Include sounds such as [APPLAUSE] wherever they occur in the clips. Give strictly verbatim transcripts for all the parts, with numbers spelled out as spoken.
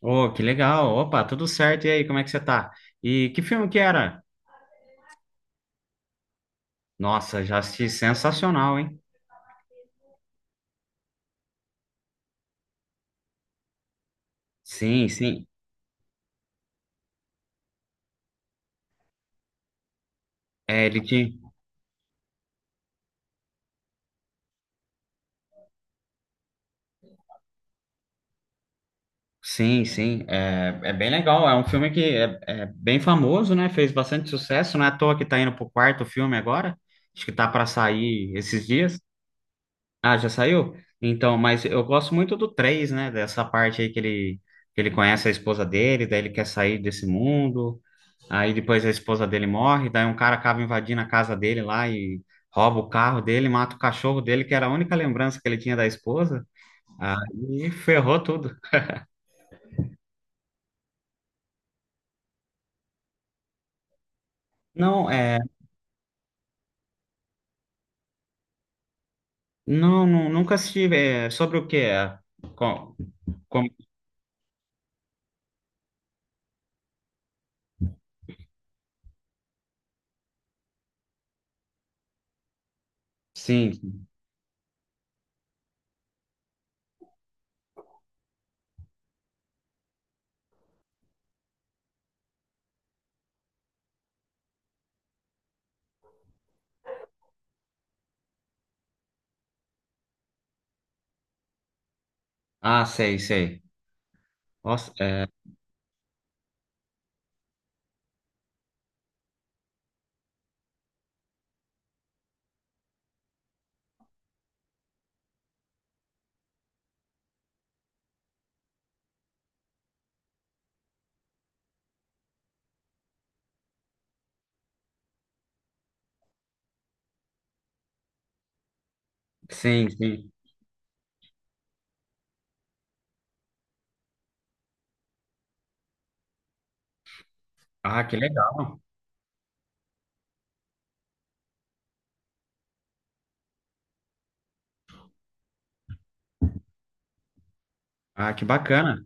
Oh, que legal. Opa, tudo certo. E aí, como é que você tá? E que filme que era? Nossa, já assisti, sensacional, hein? Sim, sim. É, ele tinha. Sim, sim. É, é bem legal. É um filme que é, é bem famoso, né? Fez bastante sucesso. Não é à toa que tá indo pro quarto filme agora. Acho que tá para sair esses dias. Ah, já saiu? Então, mas eu gosto muito do três, né? Dessa parte aí que ele, que ele conhece a esposa dele, daí ele quer sair desse mundo. Aí depois a esposa dele morre, daí um cara acaba invadindo a casa dele lá e rouba o carro dele, mata o cachorro dele, que era a única lembrança que ele tinha da esposa. Aí ferrou tudo. Não, é, não, não- nunca assisti. É, sobre o que é? Com, com- sim. Ah, sei, sei. Nossa, é, sim, sim. Ah, que legal. Ah, que bacana.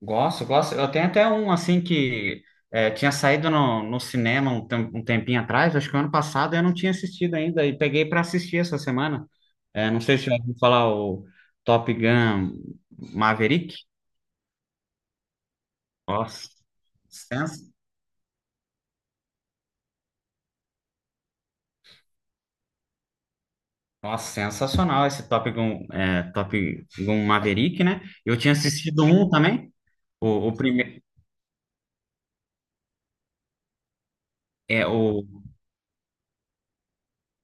Gosto, gosto. Eu tenho até um assim que é, tinha saído no, no cinema um, tem- um tempinho atrás, acho que o ano passado eu não tinha assistido ainda e peguei para assistir essa semana. É, não sei se já ouviu falar o Top Gun Maverick. Nossa, sens- Nossa, sensacional esse Top Gun, é, Top Gun Maverick, né? Eu tinha assistido um também, o, o primeiro, é o,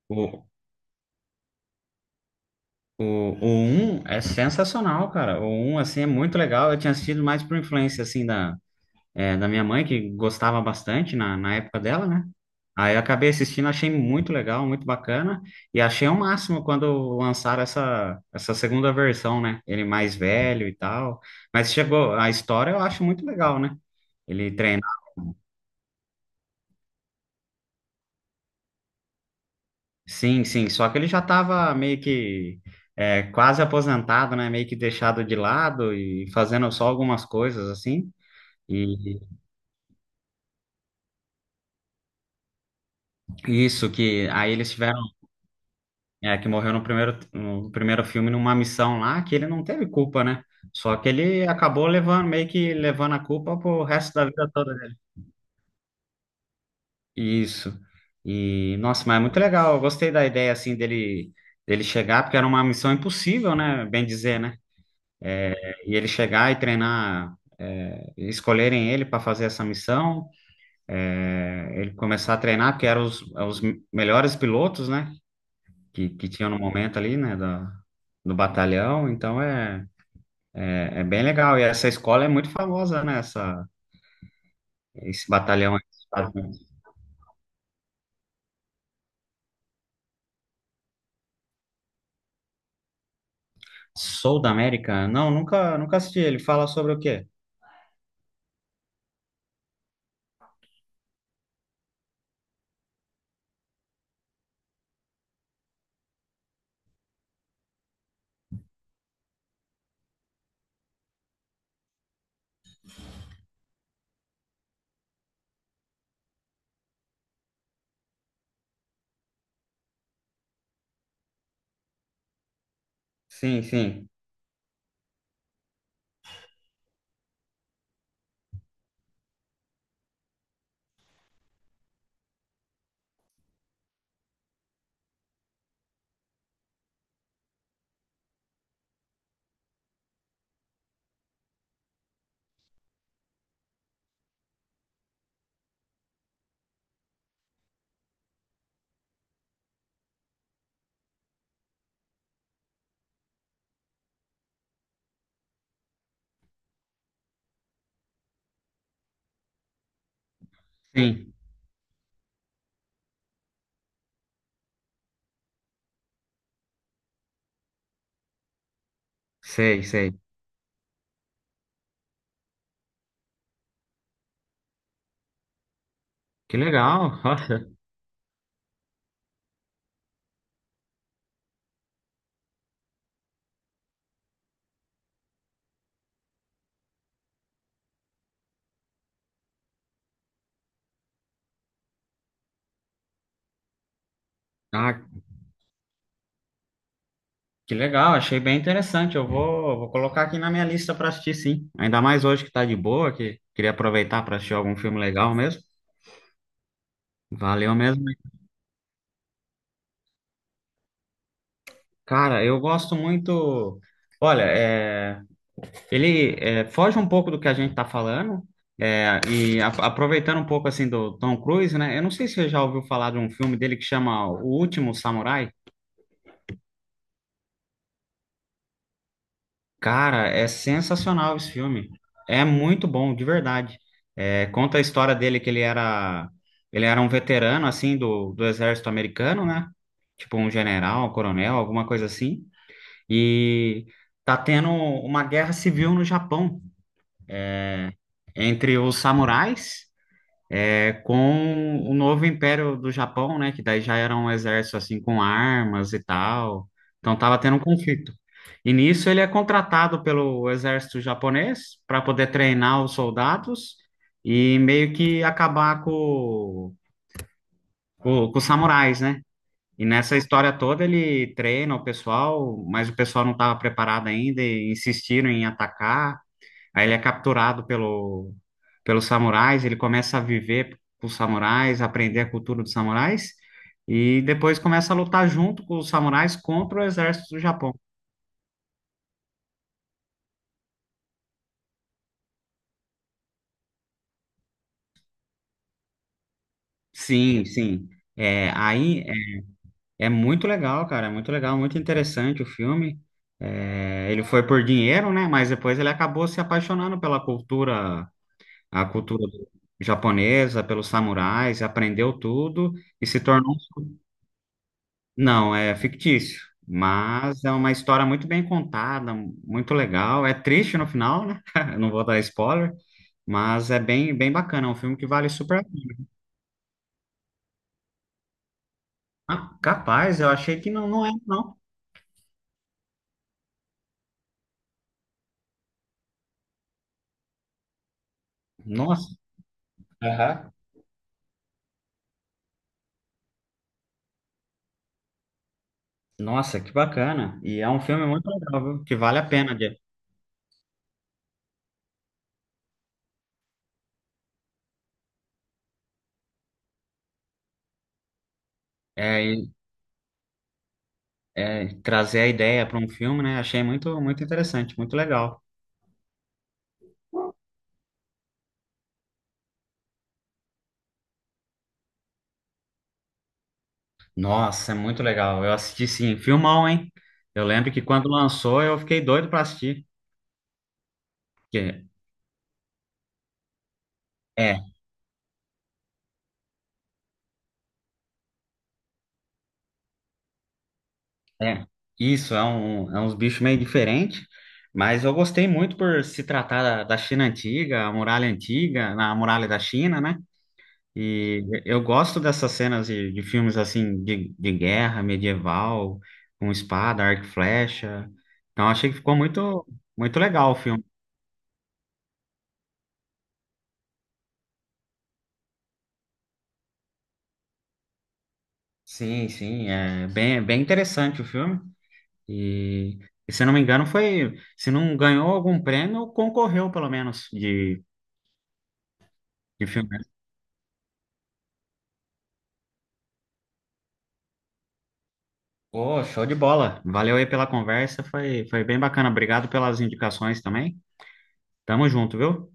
o o, o um é sensacional, cara. O um assim, é muito legal. Eu tinha assistido mais por influência, assim, da, é, da minha mãe, que gostava bastante na, na época dela, né? Aí eu acabei assistindo, achei muito legal, muito bacana, e achei o máximo quando lançaram essa, essa segunda versão, né? Ele mais velho e tal. Mas chegou, a história eu acho muito legal, né? Ele treina. Sim, sim, só que ele já estava meio que é, quase aposentado, né? Meio que deixado de lado e fazendo só algumas coisas assim. E isso que aí eles tiveram. É, que morreu no primeiro, no primeiro filme numa missão lá que ele não teve culpa, né? Só que ele acabou levando, meio que levando a culpa pro resto da vida toda dele. Isso. E, nossa, mas é muito legal. Eu gostei da ideia, assim, dele, dele chegar, porque era uma missão impossível, né? Bem dizer, né? É, e ele chegar e treinar, é, escolherem ele para fazer essa missão, é, ele começar a treinar, porque eram os, os melhores pilotos, né? que, que tinha no momento ali, né, da, do batalhão, então é, é, é bem legal. E essa escola é muito famosa, né, essa, esse batalhão aí dos Estados Unidos. Sul da América? Não, nunca, nunca assisti. Ele fala sobre o quê? Sim, sim, sim, sei, sei. Que legal, olha. Ah, que legal, achei bem interessante. Eu vou, vou colocar aqui na minha lista para assistir, sim. Ainda mais hoje que tá de boa, que queria aproveitar para assistir algum filme legal mesmo. Valeu mesmo. Cara, eu gosto muito. Olha, é, Ele é, foge um pouco do que a gente está falando, é, e a- aproveitando um pouco assim do Tom Cruise, né? Eu não sei se você já ouviu falar de um filme dele que chama O Último Samurai. Cara, é sensacional esse filme. É muito bom, de verdade. É, conta a história dele que ele era, ele era um veterano assim do, do exército americano, né? Tipo um general, um coronel, alguma coisa assim. E tá tendo uma guerra civil no Japão entre os samurais. É com o novo império do Japão, né? Que daí já era um exército assim com armas e tal. Então tava tendo um conflito. E nisso ele é contratado pelo exército japonês para poder treinar os soldados e meio que acabar com, com, com os samurais, né? E nessa história toda ele treina o pessoal, mas o pessoal não estava preparado ainda e insistiram em atacar. Aí ele é capturado pelo, pelos samurais, ele começa a viver com os samurais, aprender a cultura dos samurais, e depois começa a lutar junto com os samurais contra o exército do Japão. Sim, sim. É, aí é, é muito legal, cara, é muito legal, muito interessante o filme. É, ele foi por dinheiro, né? Mas depois ele acabou se apaixonando pela cultura, a cultura japonesa, pelos samurais, aprendeu tudo e se tornou. Não, é fictício, mas é uma história muito bem contada, muito legal. É triste no final, né? [LAUGHS] Eu não vou dar spoiler, mas é bem, bem bacana. É um filme que vale super a pena. Ah, capaz, eu achei que não, não é, não. Nossa, aham, nossa, que bacana. E é um filme muito legal, viu? Que vale a pena de é, e- é, trazer a ideia para um filme, né? Achei muito, muito interessante, muito legal. Nossa, é muito legal. Eu assisti, sim, filmão, hein? Eu lembro que quando lançou eu fiquei doido para assistir. Porque é, é, isso, é, um, é uns bichos meio diferentes, mas eu gostei muito por se tratar da, da China antiga, a muralha antiga, na muralha da China, né? E eu gosto dessas cenas de, de filmes assim, de, de guerra medieval, com espada, arco e flecha. Então achei que ficou muito, muito legal o filme. Sim, sim, é bem, bem interessante o filme. E, e se eu não me engano, foi, se não ganhou algum prêmio, concorreu pelo menos de, de filme. Ô, show de bola. Valeu aí pela conversa, foi, foi bem bacana. Obrigado pelas indicações também. Tamo junto, viu?